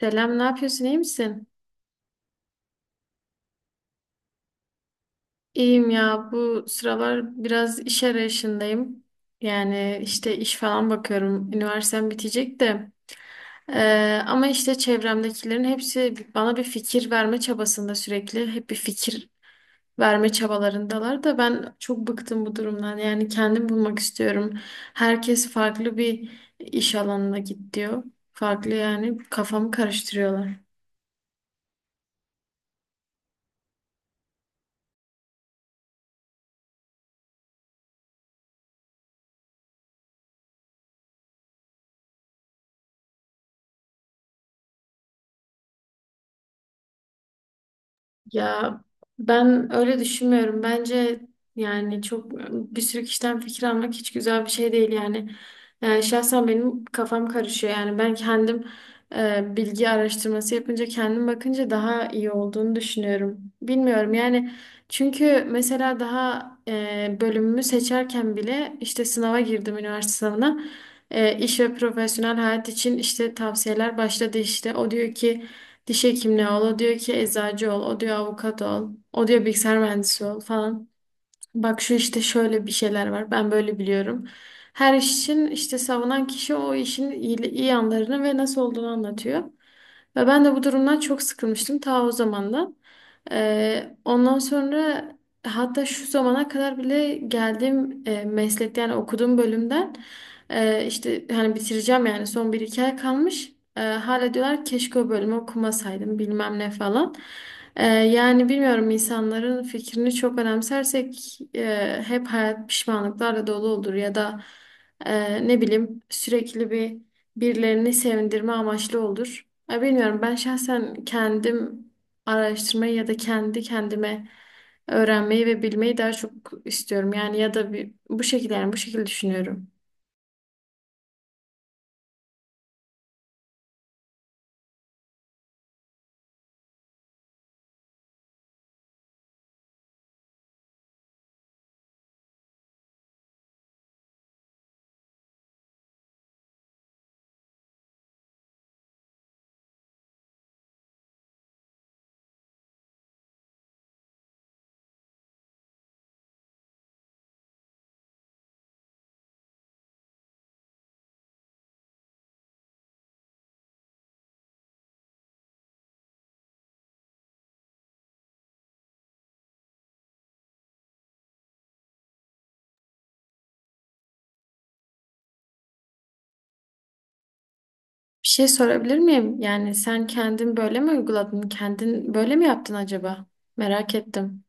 Selam, ne yapıyorsun? İyi misin? İyiyim ya. Bu sıralar biraz iş arayışındayım. Yani işte iş falan bakıyorum. Üniversitem bitecek de. Ama işte çevremdekilerin hepsi bana bir fikir verme çabasında sürekli. Hep bir fikir verme çabalarındalar da ben çok bıktım bu durumdan. Yani kendim bulmak istiyorum. Herkes farklı bir iş alanına git diyor. Farklı yani kafamı karıştırıyorlar. Ya ben öyle düşünmüyorum. Bence yani çok bir sürü kişiden fikir almak hiç güzel bir şey değil yani. Şahsen benim kafam karışıyor. Yani ben kendim bilgi araştırması yapınca kendim bakınca daha iyi olduğunu düşünüyorum. Bilmiyorum yani, çünkü mesela daha bölümümü seçerken bile işte sınava girdim üniversite sınavına. İş ve profesyonel hayat için işte tavsiyeler başladı işte. O diyor ki diş hekimliği ol, o diyor ki eczacı ol, o diyor avukat ol, o diyor bilgisayar mühendisi ol falan. Bak şu işte şöyle bir şeyler var, ben böyle biliyorum. Her iş için işte savunan kişi o işin iyi yanlarını ve nasıl olduğunu anlatıyor. Ve ben de bu durumdan çok sıkılmıştım ta o zamandan. Ondan sonra hatta şu zamana kadar bile geldiğim meslekte, yani okuduğum bölümden işte hani bitireceğim yani son bir iki ay kalmış. Hala diyorlar keşke o bölümü okumasaydım bilmem ne falan. Yani bilmiyorum, insanların fikrini çok önemsersek hep hayat pişmanlıklarla dolu olur ya da ne bileyim sürekli birilerini sevindirme amaçlı olur. Ya bilmiyorum, ben şahsen kendim araştırmayı ya da kendi kendime öğrenmeyi ve bilmeyi daha çok istiyorum. Yani ya da bir, bu şekilde yani bu şekilde düşünüyorum. Bir şey sorabilir miyim? Yani sen kendin böyle mi uyguladın? Kendin böyle mi yaptın acaba? Merak ettim.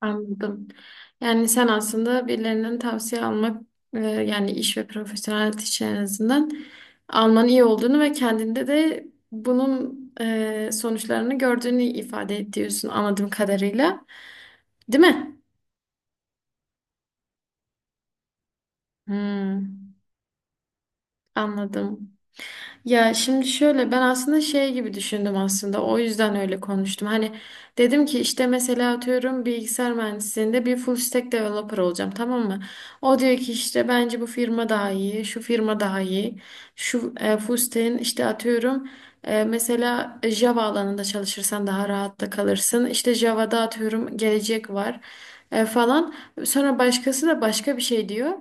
Anladım. Yani sen aslında birilerinden tavsiye almak, yani iş ve profesyonel hayat, en azından almanın iyi olduğunu ve kendinde de bunun sonuçlarını gördüğünü ifade ediyorsun anladığım kadarıyla. Değil mi? Hmm, anladım. Ya şimdi şöyle, ben aslında şey gibi düşündüm aslında, o yüzden öyle konuştum. Hani dedim ki işte mesela atıyorum bilgisayar mühendisliğinde bir full stack developer olacağım, tamam mı? O diyor ki işte bence bu firma daha iyi, şu firma daha iyi. Şu full stack'in işte atıyorum mesela Java alanında çalışırsan daha rahatla kalırsın. İşte Java'da atıyorum gelecek var falan. Sonra başkası da başka bir şey diyor.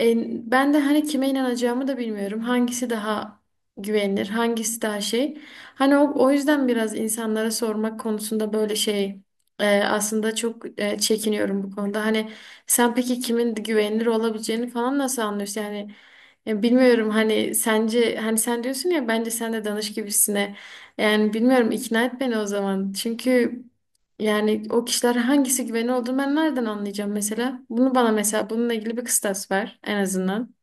E, Ben de hani kime inanacağımı da bilmiyorum. Hangisi daha güvenilir, hangisi daha şey. Hani o yüzden biraz insanlara sormak konusunda böyle şey, aslında çok çekiniyorum bu konuda. Hani sen peki kimin güvenilir olabileceğini falan nasıl anlıyorsun? Yani bilmiyorum hani sence, hani sen diyorsun ya bence sen de danış gibisine. Yani bilmiyorum, ikna et beni o zaman. Çünkü yani o kişiler hangisi güvenilir olduğunu ben nereden anlayacağım mesela? Bunu bana, mesela bununla ilgili bir kıstas ver en azından.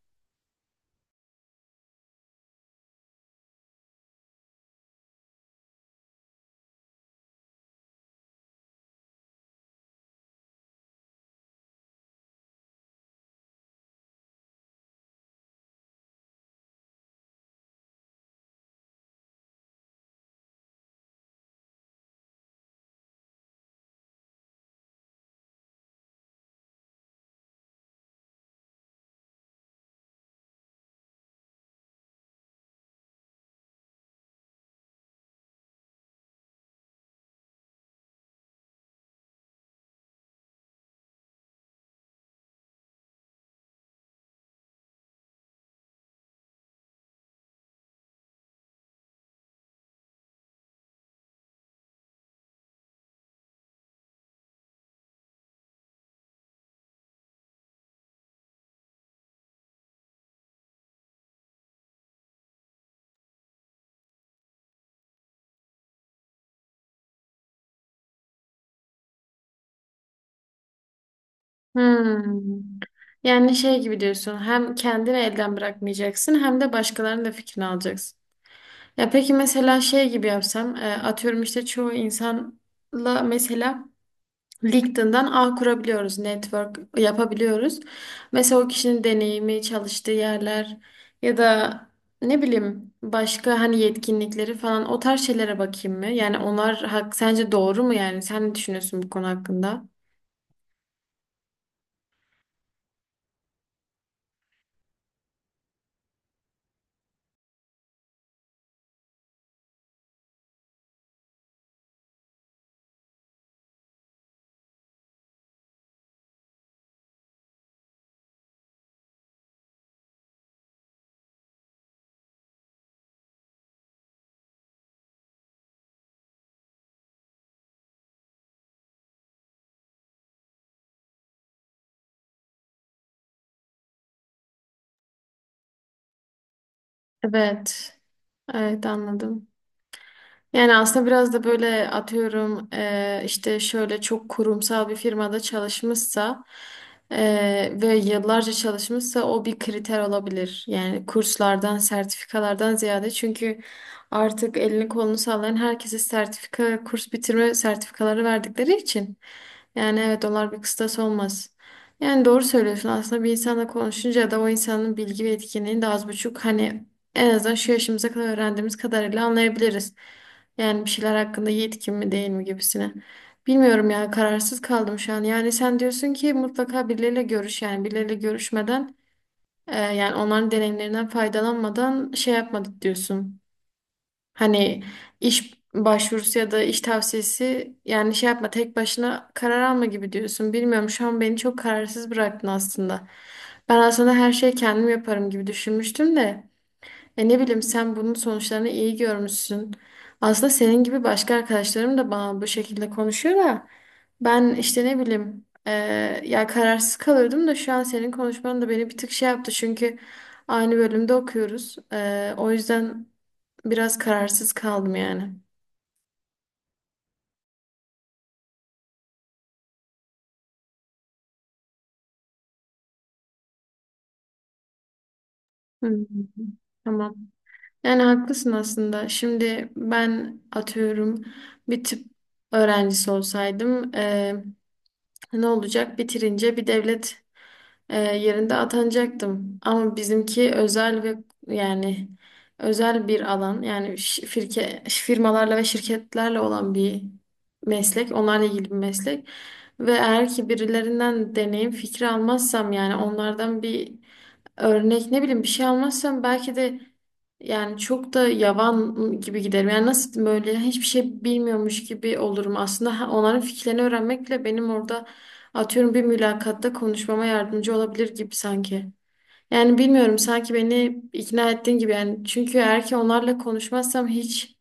Hmm. Yani şey gibi diyorsun, hem kendini elden bırakmayacaksın hem de başkalarının da fikrini alacaksın. Ya peki mesela şey gibi yapsam, atıyorum işte çoğu insanla mesela LinkedIn'dan ağ kurabiliyoruz, network yapabiliyoruz. Mesela o kişinin deneyimi, çalıştığı yerler ya da ne bileyim başka hani yetkinlikleri falan, o tarz şeylere bakayım mı? Yani onlar hak, sence doğru mu yani? Sen ne düşünüyorsun bu konu hakkında? Evet. Evet, anladım. Yani aslında biraz da böyle atıyorum, işte şöyle çok kurumsal bir firmada çalışmışsa ve yıllarca çalışmışsa o bir kriter olabilir. Yani kurslardan, sertifikalardan ziyade, çünkü artık elini kolunu sallayan herkese sertifika, kurs bitirme sertifikaları verdikleri için. Yani evet, onlar bir kıstas olmaz. Yani doğru söylüyorsun aslında, bir insanla konuşunca da o insanın bilgi ve etkinliğini de az buçuk hani en azından şu yaşımıza kadar öğrendiğimiz kadarıyla anlayabiliriz. Yani bir şeyler hakkında yetkin mi değil mi gibisine. Bilmiyorum ya, kararsız kaldım şu an. Yani sen diyorsun ki mutlaka birileriyle görüş, yani birileriyle görüşmeden yani onların deneyimlerinden faydalanmadan şey yapmadık diyorsun. Hani iş başvurusu ya da iş tavsiyesi yani şey yapma, tek başına karar alma gibi diyorsun. Bilmiyorum, şu an beni çok kararsız bıraktın aslında. Ben aslında her şeyi kendim yaparım gibi düşünmüştüm de. E, ne bileyim, sen bunun sonuçlarını iyi görmüşsün. Aslında senin gibi başka arkadaşlarım da bana bu şekilde konuşuyor da ben işte ne bileyim, ya kararsız kalıyordum da şu an senin konuşman da beni bir tık şey yaptı, çünkü aynı bölümde okuyoruz. O yüzden biraz kararsız kaldım yani. Hı hı. Tamam. Yani haklısın aslında. Şimdi ben atıyorum bir tıp öğrencisi olsaydım ne olacak? Bitirince bir devlet, yerinde atanacaktım. Ama bizimki özel ve yani özel bir alan. Yani firke, firmalarla ve şirketlerle olan bir meslek. Onlarla ilgili bir meslek. Ve eğer ki birilerinden deneyim fikri almazsam, yani onlardan bir örnek ne bileyim bir şey almazsam, belki de yani çok da yavan gibi giderim. Yani nasıl diyeyim, böyle hiçbir şey bilmiyormuş gibi olurum. Aslında onların fikirlerini öğrenmek bile benim orada, atıyorum, bir mülakatta konuşmama yardımcı olabilir gibi sanki. Yani bilmiyorum, sanki beni ikna ettiğin gibi yani, çünkü eğer ki onlarla konuşmazsam hiç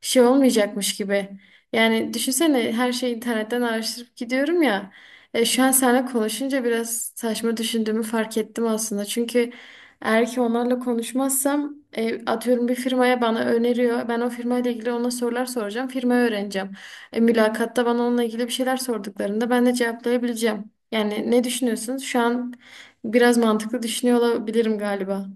şey olmayacakmış gibi. Yani düşünsene, her şeyi internetten araştırıp gidiyorum ya. Şu an seninle konuşunca biraz saçma düşündüğümü fark ettim aslında. Çünkü eğer ki onlarla konuşmazsam, atıyorum bir firmaya bana öneriyor. Ben o firmayla ilgili ona sorular soracağım. Firmayı öğreneceğim. Mülakatta bana onunla ilgili bir şeyler sorduklarında ben de cevaplayabileceğim. Yani ne düşünüyorsunuz? Şu an biraz mantıklı düşünüyor olabilirim galiba.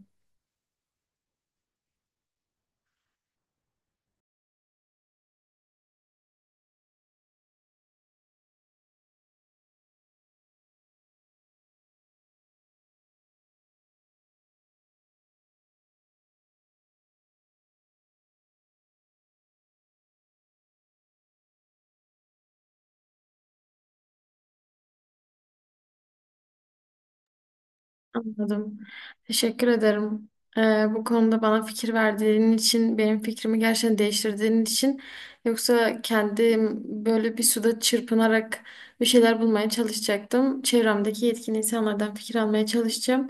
Anladım. Teşekkür ederim. Bu konuda bana fikir verdiğin için, benim fikrimi gerçekten değiştirdiğin için. Yoksa kendim böyle bir suda çırpınarak bir şeyler bulmaya çalışacaktım. Çevremdeki yetkin insanlardan fikir almaya çalışacağım.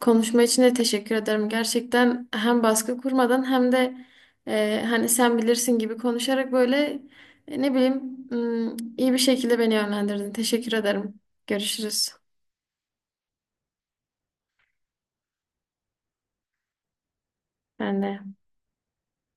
Konuşma için de teşekkür ederim. Gerçekten hem baskı kurmadan hem de hani sen bilirsin gibi konuşarak böyle ne bileyim, iyi bir şekilde beni yönlendirdin. Teşekkür ederim. Görüşürüz. Ben de.